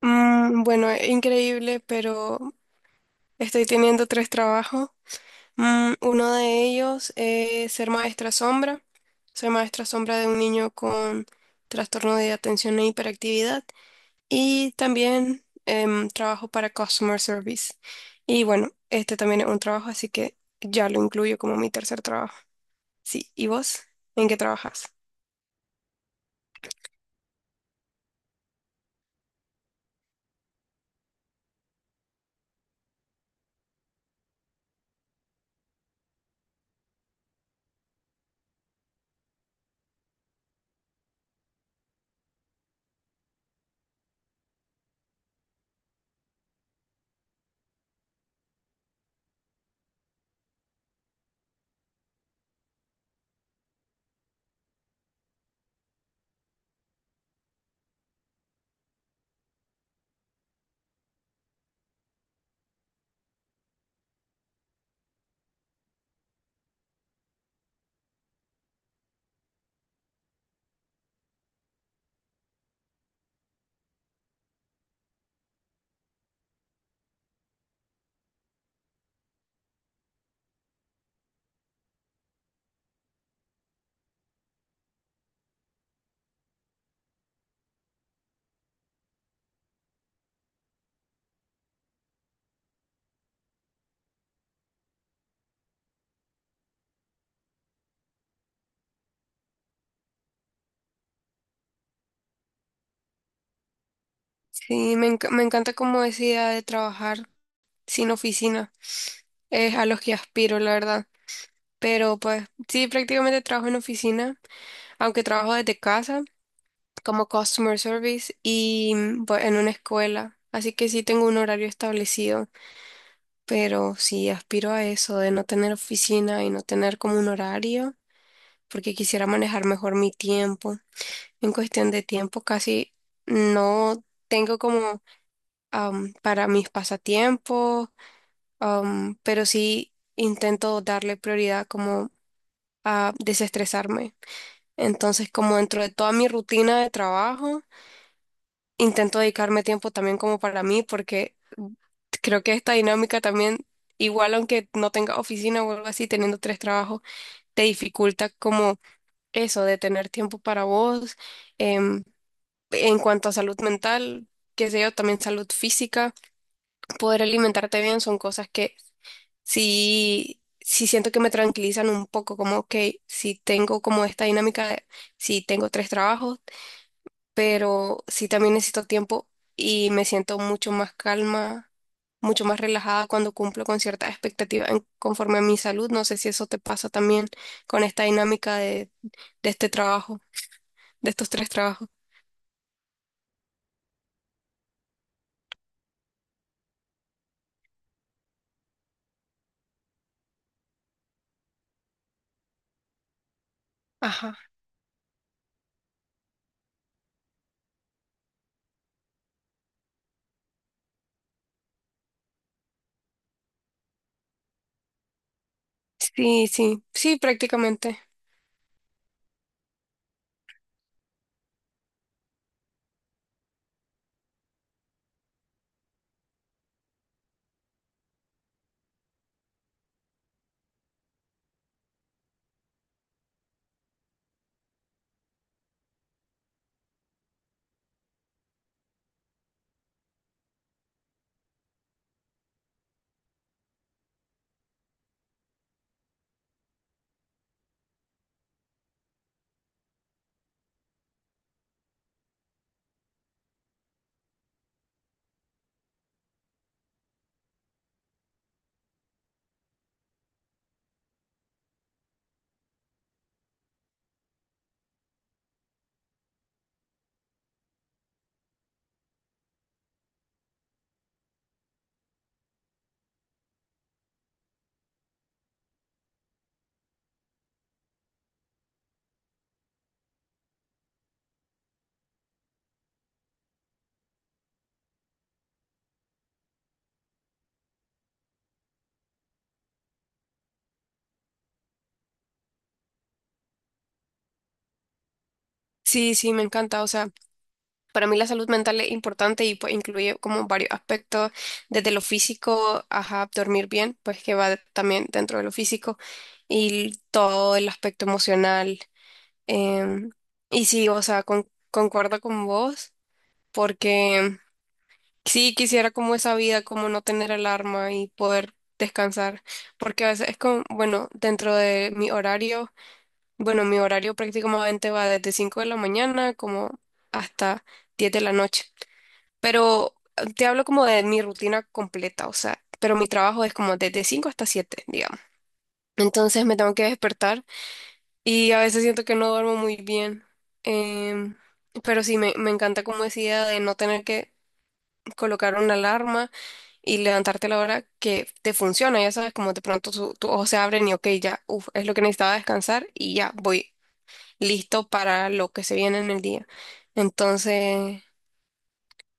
Bueno, increíble, pero estoy teniendo tres trabajos. Uno de ellos es ser maestra sombra. Soy maestra sombra de un niño con trastorno de atención e hiperactividad. Y también trabajo para customer service. Y bueno, este también es un trabajo, así que ya lo incluyo como mi tercer trabajo. Sí, ¿y vos? ¿En qué trabajas? Sí, me encanta como esa idea de trabajar sin oficina. Es a los que aspiro, la verdad. Pero pues sí, prácticamente trabajo en oficina, aunque trabajo desde casa como customer service y pues, en una escuela. Así que sí tengo un horario establecido, pero sí aspiro a eso de no tener oficina y no tener como un horario, porque quisiera manejar mejor mi tiempo. En cuestión de tiempo casi no tengo como para mis pasatiempos, pero sí intento darle prioridad como a desestresarme. Entonces, como dentro de toda mi rutina de trabajo, intento dedicarme tiempo también como para mí, porque creo que esta dinámica también, igual aunque no tenga oficina o algo así, teniendo tres trabajos, te dificulta como eso de tener tiempo para vos. em, en cuanto a salud mental, qué sé yo, también salud física, poder alimentarte bien son cosas que sí, sí siento que me tranquilizan un poco, como, ok, si tengo como esta dinámica de, si tengo tres trabajos, pero sí también necesito tiempo, y me siento mucho más calma, mucho más relajada cuando cumplo con ciertas expectativas conforme a mi salud. No sé si eso te pasa también con esta dinámica de este trabajo, de estos tres trabajos. Ajá. Sí, sí, sí, prácticamente. Sí, sí, me encanta. O sea, para mí la salud mental es importante y pues incluye como varios aspectos, desde lo físico, ajá, dormir bien, pues que va también dentro de lo físico, y todo el aspecto emocional. Em, y sí, o sea, concuerdo con vos, porque sí quisiera como esa vida, como no tener alarma y poder descansar, porque a veces es como, bueno, dentro de mi horario, bueno, mi horario prácticamente va desde 5 de la mañana como hasta 10 de la noche, pero te hablo como de mi rutina completa, o sea, pero mi trabajo es como desde 5 hasta siete, digamos. Entonces me tengo que despertar. Y a veces siento que no duermo muy bien. Em, pero sí, me encanta como decía de no tener que colocar una alarma y levantarte a la hora que te funciona. Ya sabes, como de pronto tus ojos se abren y ok, ya, uf, es lo que necesitaba descansar y ya voy listo para lo que se viene en el día. Entonces,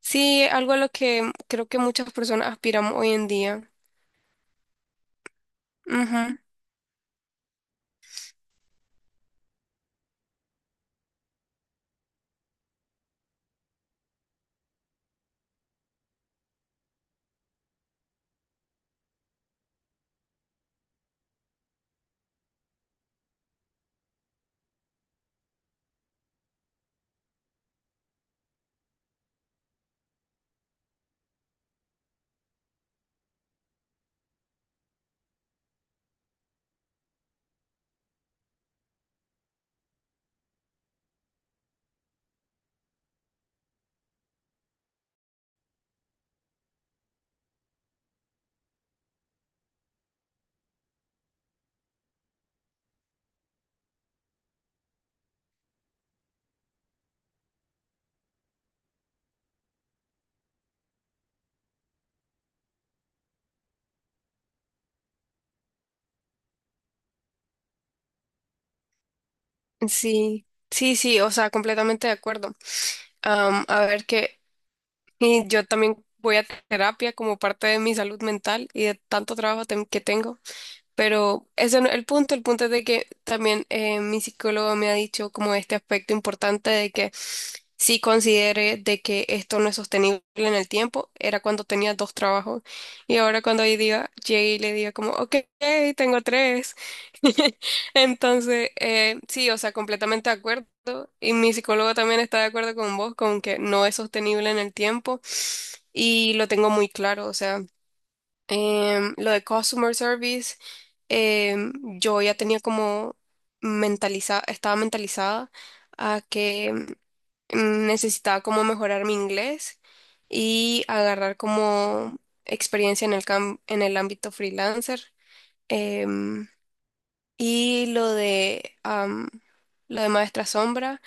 sí, algo a lo que creo que muchas personas aspiramos hoy en día. Ujú. Sí, sí, sí, o sea, completamente de acuerdo. A ver qué. Y yo también voy a terapia como parte de mi salud mental y de tanto trabajo que tengo. Pero ese no es el punto. El punto es de que también mi psicólogo me ha dicho como este aspecto importante de que sí considere de que esto no es sostenible en el tiempo. Era cuando tenía dos trabajos. Y ahora cuando hoy día llegue y le diga como, ok, tengo tres. Entonces, sí, o sea, completamente de acuerdo. Y mi psicólogo también está de acuerdo con vos, con que no es sostenible en el tiempo. Y lo tengo muy claro, o sea, lo de customer service, em, yo ya tenía como mentalizada, estaba mentalizada a que necesitaba como mejorar mi inglés y agarrar como experiencia en el ámbito freelancer. em, y lo de Maestra Sombra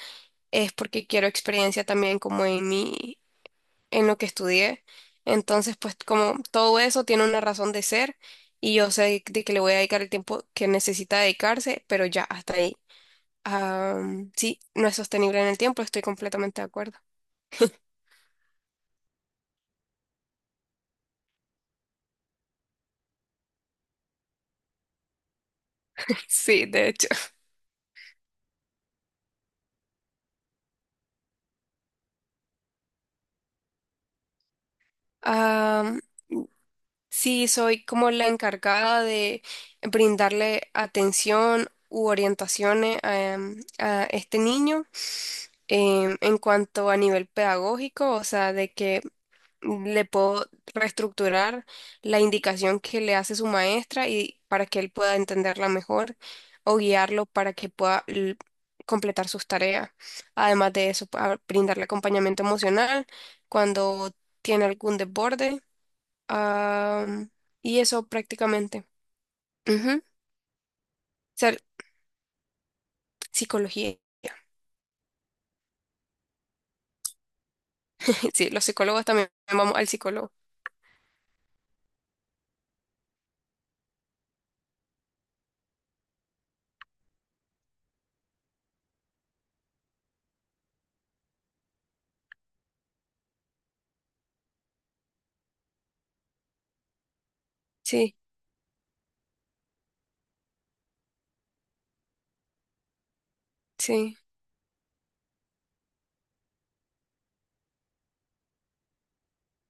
es porque quiero experiencia también como en mi, en lo que estudié. Entonces, pues como todo eso tiene una razón de ser y yo sé de que le voy a dedicar el tiempo que necesita dedicarse, pero ya hasta ahí. Sí, no es sostenible en el tiempo, estoy completamente de acuerdo. Sí, de hecho. Sí, soy como la encargada de brindarle atención u orientaciones a este niño en cuanto a nivel pedagógico, o sea, de que le puedo reestructurar la indicación que le hace su maestra y para que él pueda entenderla mejor o guiarlo para que pueda completar sus tareas. Además de eso, brindarle acompañamiento emocional cuando tiene algún desborde. Am, y eso prácticamente. Ujú. O sea, psicología. Sí, los psicólogos también vamos al psicólogo. Sí, sí.